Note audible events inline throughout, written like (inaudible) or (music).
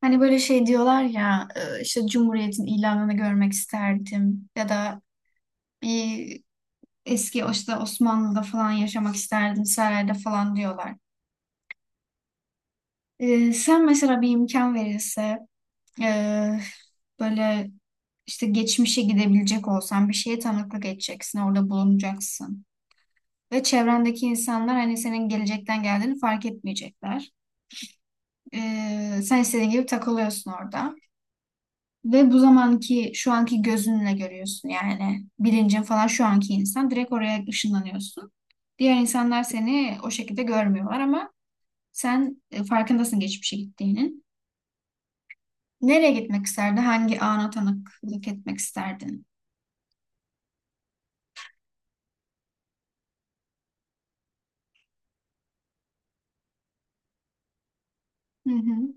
Hani böyle şey diyorlar ya işte Cumhuriyet'in ilanını görmek isterdim ya da bir eski o işte Osmanlı'da falan yaşamak isterdim sarayda falan diyorlar. Sen mesela bir imkan verilse e, böyle işte geçmişe gidebilecek olsan bir şeye tanıklık edeceksin orada bulunacaksın. Ve çevrendeki insanlar hani senin gelecekten geldiğini fark etmeyecekler. Sen istediğin gibi takılıyorsun orada. Ve bu zamanki şu anki gözünle görüyorsun yani bilincin falan şu anki insan direkt oraya ışınlanıyorsun. Diğer insanlar seni o şekilde görmüyorlar ama sen farkındasın geçmişe gittiğinin. Nereye gitmek isterdin? Hangi ana tanıklık etmek isterdin? Hı hı.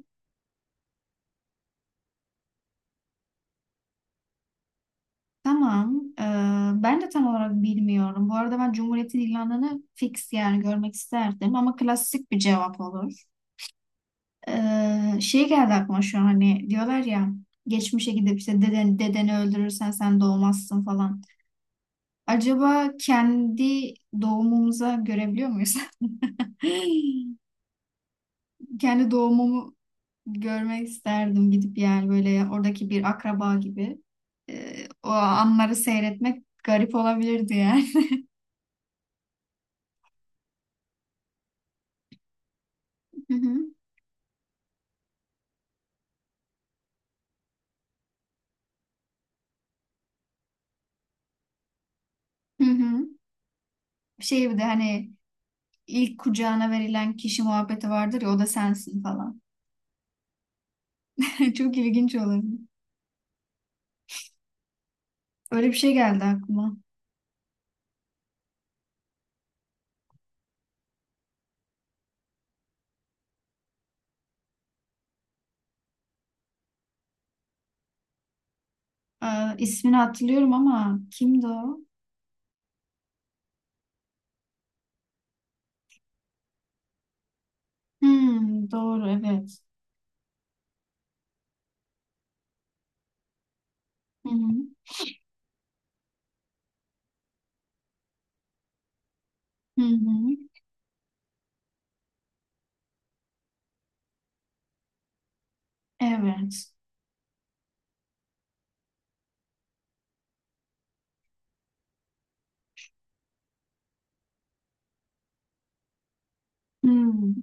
Tamam. Ben de tam olarak bilmiyorum. Bu arada ben Cumhuriyet'in ilanını fix yani görmek isterdim ama klasik bir cevap olur. Şey geldi aklıma şu an hani diyorlar ya geçmişe gidip işte deden, dedeni öldürürsen sen doğmazsın falan. Acaba kendi doğumumuza görebiliyor muyuz? (laughs) Kendi doğumumu görmek isterdim gidip yani böyle oradaki bir akraba gibi. O anları seyretmek garip olabilirdi yani. (laughs) Hı hı. Hı hı. Şey bir de hani ilk kucağına verilen kişi muhabbeti vardır ya o da sensin falan. (laughs) Çok ilginç olur. Öyle bir şey geldi aklıma. Ee, ismini hatırlıyorum ama kimdi o? Hmm, doğru evet. Hı hı. Hı hı. Evet. Hmm.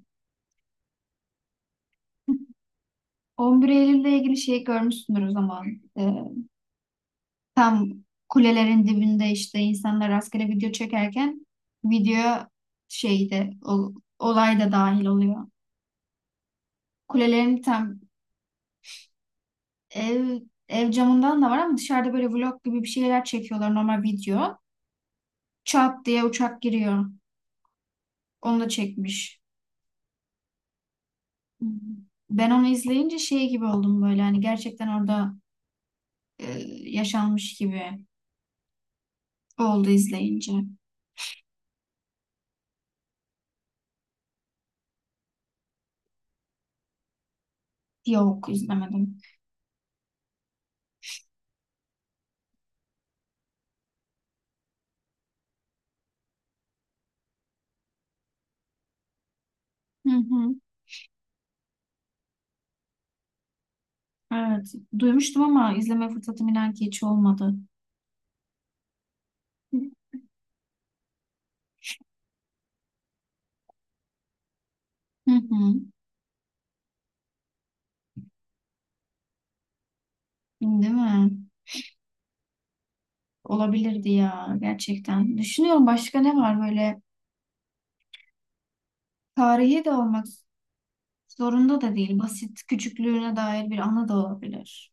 (laughs) 11 Eylül'le ilgili şey görmüşsündür o zaman. Ee, Tam kulelerin dibinde işte insanlar rastgele video çekerken video şeyde o, olay da dahil oluyor. Kulelerin tam ev ev camından da var ama dışarıda böyle vlog gibi bir şeyler çekiyorlar normal video. Çat diye uçak giriyor. Onu da çekmiş. Hı hı. Ben onu izleyince şey gibi oldum böyle hani gerçekten orada e, yaşanmış gibi oldu izleyince. Yok izlemedim. Hı hı. Evet duymuştum ama izleme fırsatım inan ki hiç olmadı. Hı hı. Değil mi? Olabilirdi ya gerçekten. Düşünüyorum başka ne var böyle tarihi de olmak zorunda da değil. Basit küçüklüğüne dair bir anı da olabilir.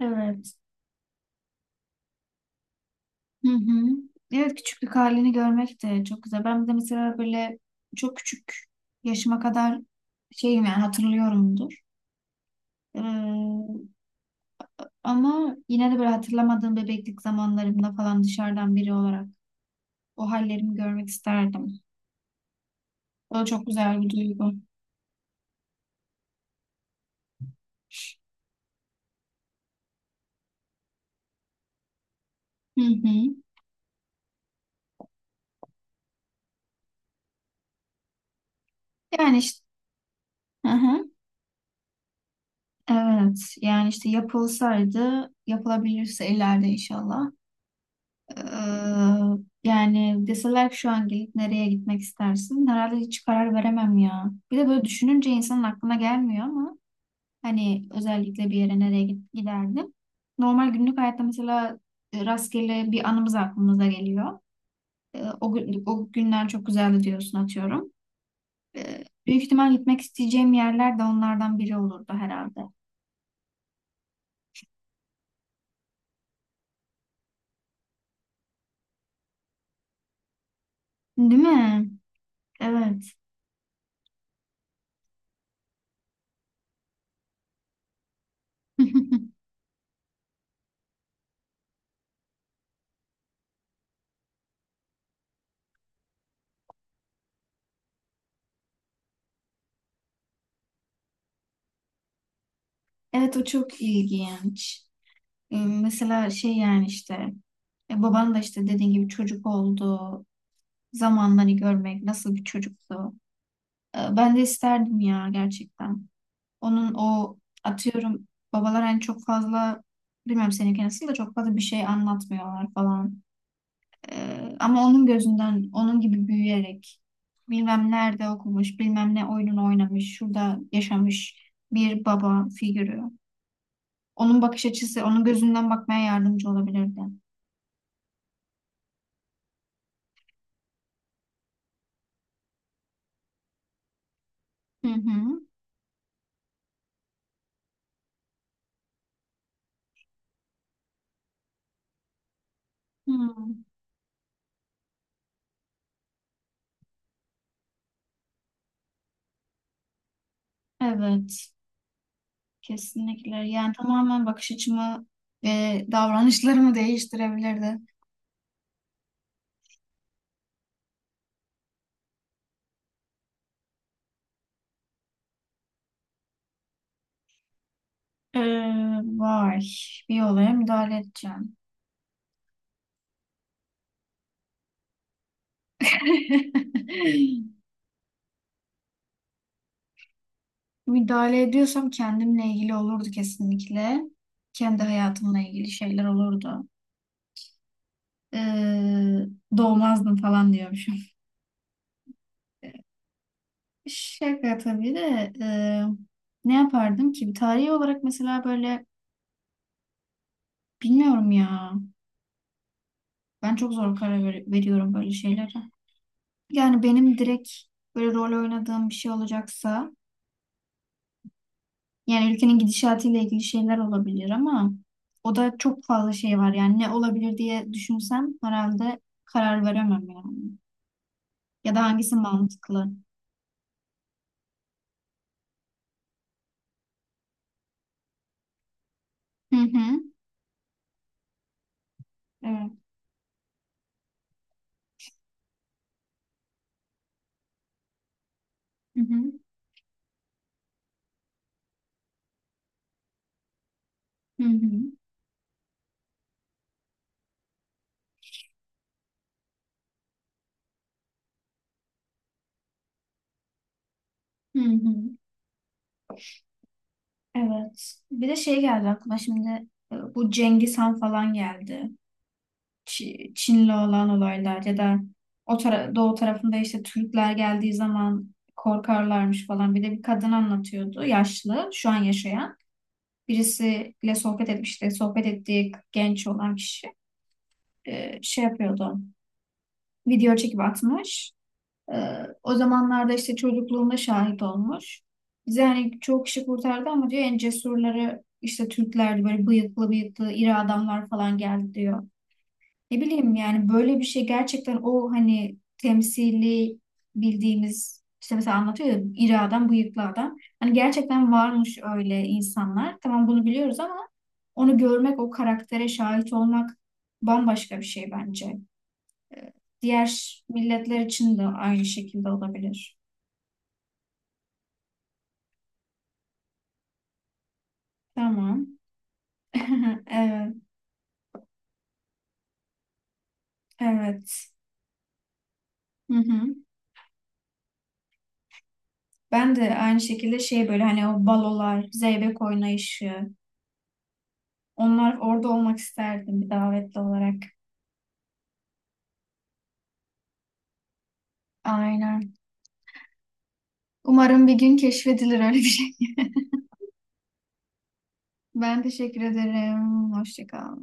Evet. Hı hı. Evet küçüklük halini görmek de çok güzel. Ben de mesela böyle çok küçük yaşıma kadar şeyim yani hatırlıyorumdur. Ee, Ama yine de böyle hatırlamadığım bebeklik zamanlarımda falan dışarıdan biri olarak o hallerimi görmek isterdim. O da çok güzel bir duygu. Hı hı. Yani işte hı hı. Evet yani işte yapılsaydı yapılabilirse ileride inşallah. Eee, Yani deseler ki şu an gelip nereye gitmek istersin? Herhalde hiç karar veremem ya. Bir de böyle düşününce insanın aklına gelmiyor ama hani özellikle bir yere nereye giderdim. Normal günlük hayatta mesela rastgele bir anımız aklımıza geliyor. E, o, o günler çok güzeldi diyorsun atıyorum. Büyük ihtimal gitmek isteyeceğim yerler de onlardan biri olurdu herhalde. Değil mi? Evet. (laughs) Evet o çok ilginç. E, mesela şey yani işte baban da işte dediğin gibi çocuk oldu. Zamanları görmek nasıl bir çocuktu. Ben de isterdim ya gerçekten. Onun o atıyorum babalar hani çok fazla bilmem seninki nasıl da çok fazla bir şey anlatmıyorlar falan. Ama onun gözünden onun gibi büyüyerek bilmem nerede okumuş bilmem ne oyununu oynamış şurada yaşamış bir baba figürü. Onun bakış açısı onun gözünden bakmaya yardımcı olabilirdi. Hı hı. Hmm, evet, kesinlikle. Yani tamamen bakış açımı ve davranışlarımı değiştirebilirdi. Ee, Vay, bir olaya müdahale edeceğim. (laughs) Müdahale ediyorsam kendimle ilgili olurdu kesinlikle. Kendi hayatımla ilgili şeyler olurdu. Ee, Doğmazdım falan diyormuşum. (laughs) Şaka tabii de ne yapardım ki? Bir tarihi olarak mesela böyle bilmiyorum ya. Ben çok zor karar veriyorum böyle şeylere. Yani benim direkt böyle rol oynadığım bir şey olacaksa yani ülkenin gidişatıyla ilgili şeyler olabilir ama o da çok fazla şey var yani ne olabilir diye düşünsem herhalde karar veremem yani. Ya da hangisi mantıklı? Hı hı. Evet. Hı hı. Hı hı. Hı hı. Evet. Bir de şey geldi aklıma şimdi bu Cengiz Han falan geldi. Çin'le olan olaylar ya da o tara doğu tarafında işte Türkler geldiği zaman korkarlarmış falan. Bir de bir kadın anlatıyordu yaşlı şu an yaşayan. Birisiyle sohbet etmişti. Sohbet ettiği genç olan kişi şey yapıyordu. Video çekip atmış. E, O zamanlarda işte çocukluğunda şahit olmuş. Bize hani çok kişi kurtardı ama diyor en cesurları işte Türklerdi böyle bıyıklı bıyıklı iri adamlar falan geldi diyor. Ne bileyim yani böyle bir şey gerçekten o hani temsili bildiğimiz işte mesela anlatıyor ya iri adam, bıyıklı adam. Hani gerçekten varmış öyle insanlar. Tamam bunu biliyoruz ama onu görmek, o karaktere şahit olmak bambaşka bir şey bence. Diğer milletler için de aynı şekilde olabilir. Tamam. (laughs) Evet. Evet. Hı hı. Ben de aynı şekilde şey böyle hani o balolar, zeybek oynayışı onlar orada olmak isterdim bir davetli olarak. Aynen. Umarım bir gün keşfedilir öyle bir şey. (laughs) Ben teşekkür ederim. Hoşça kal.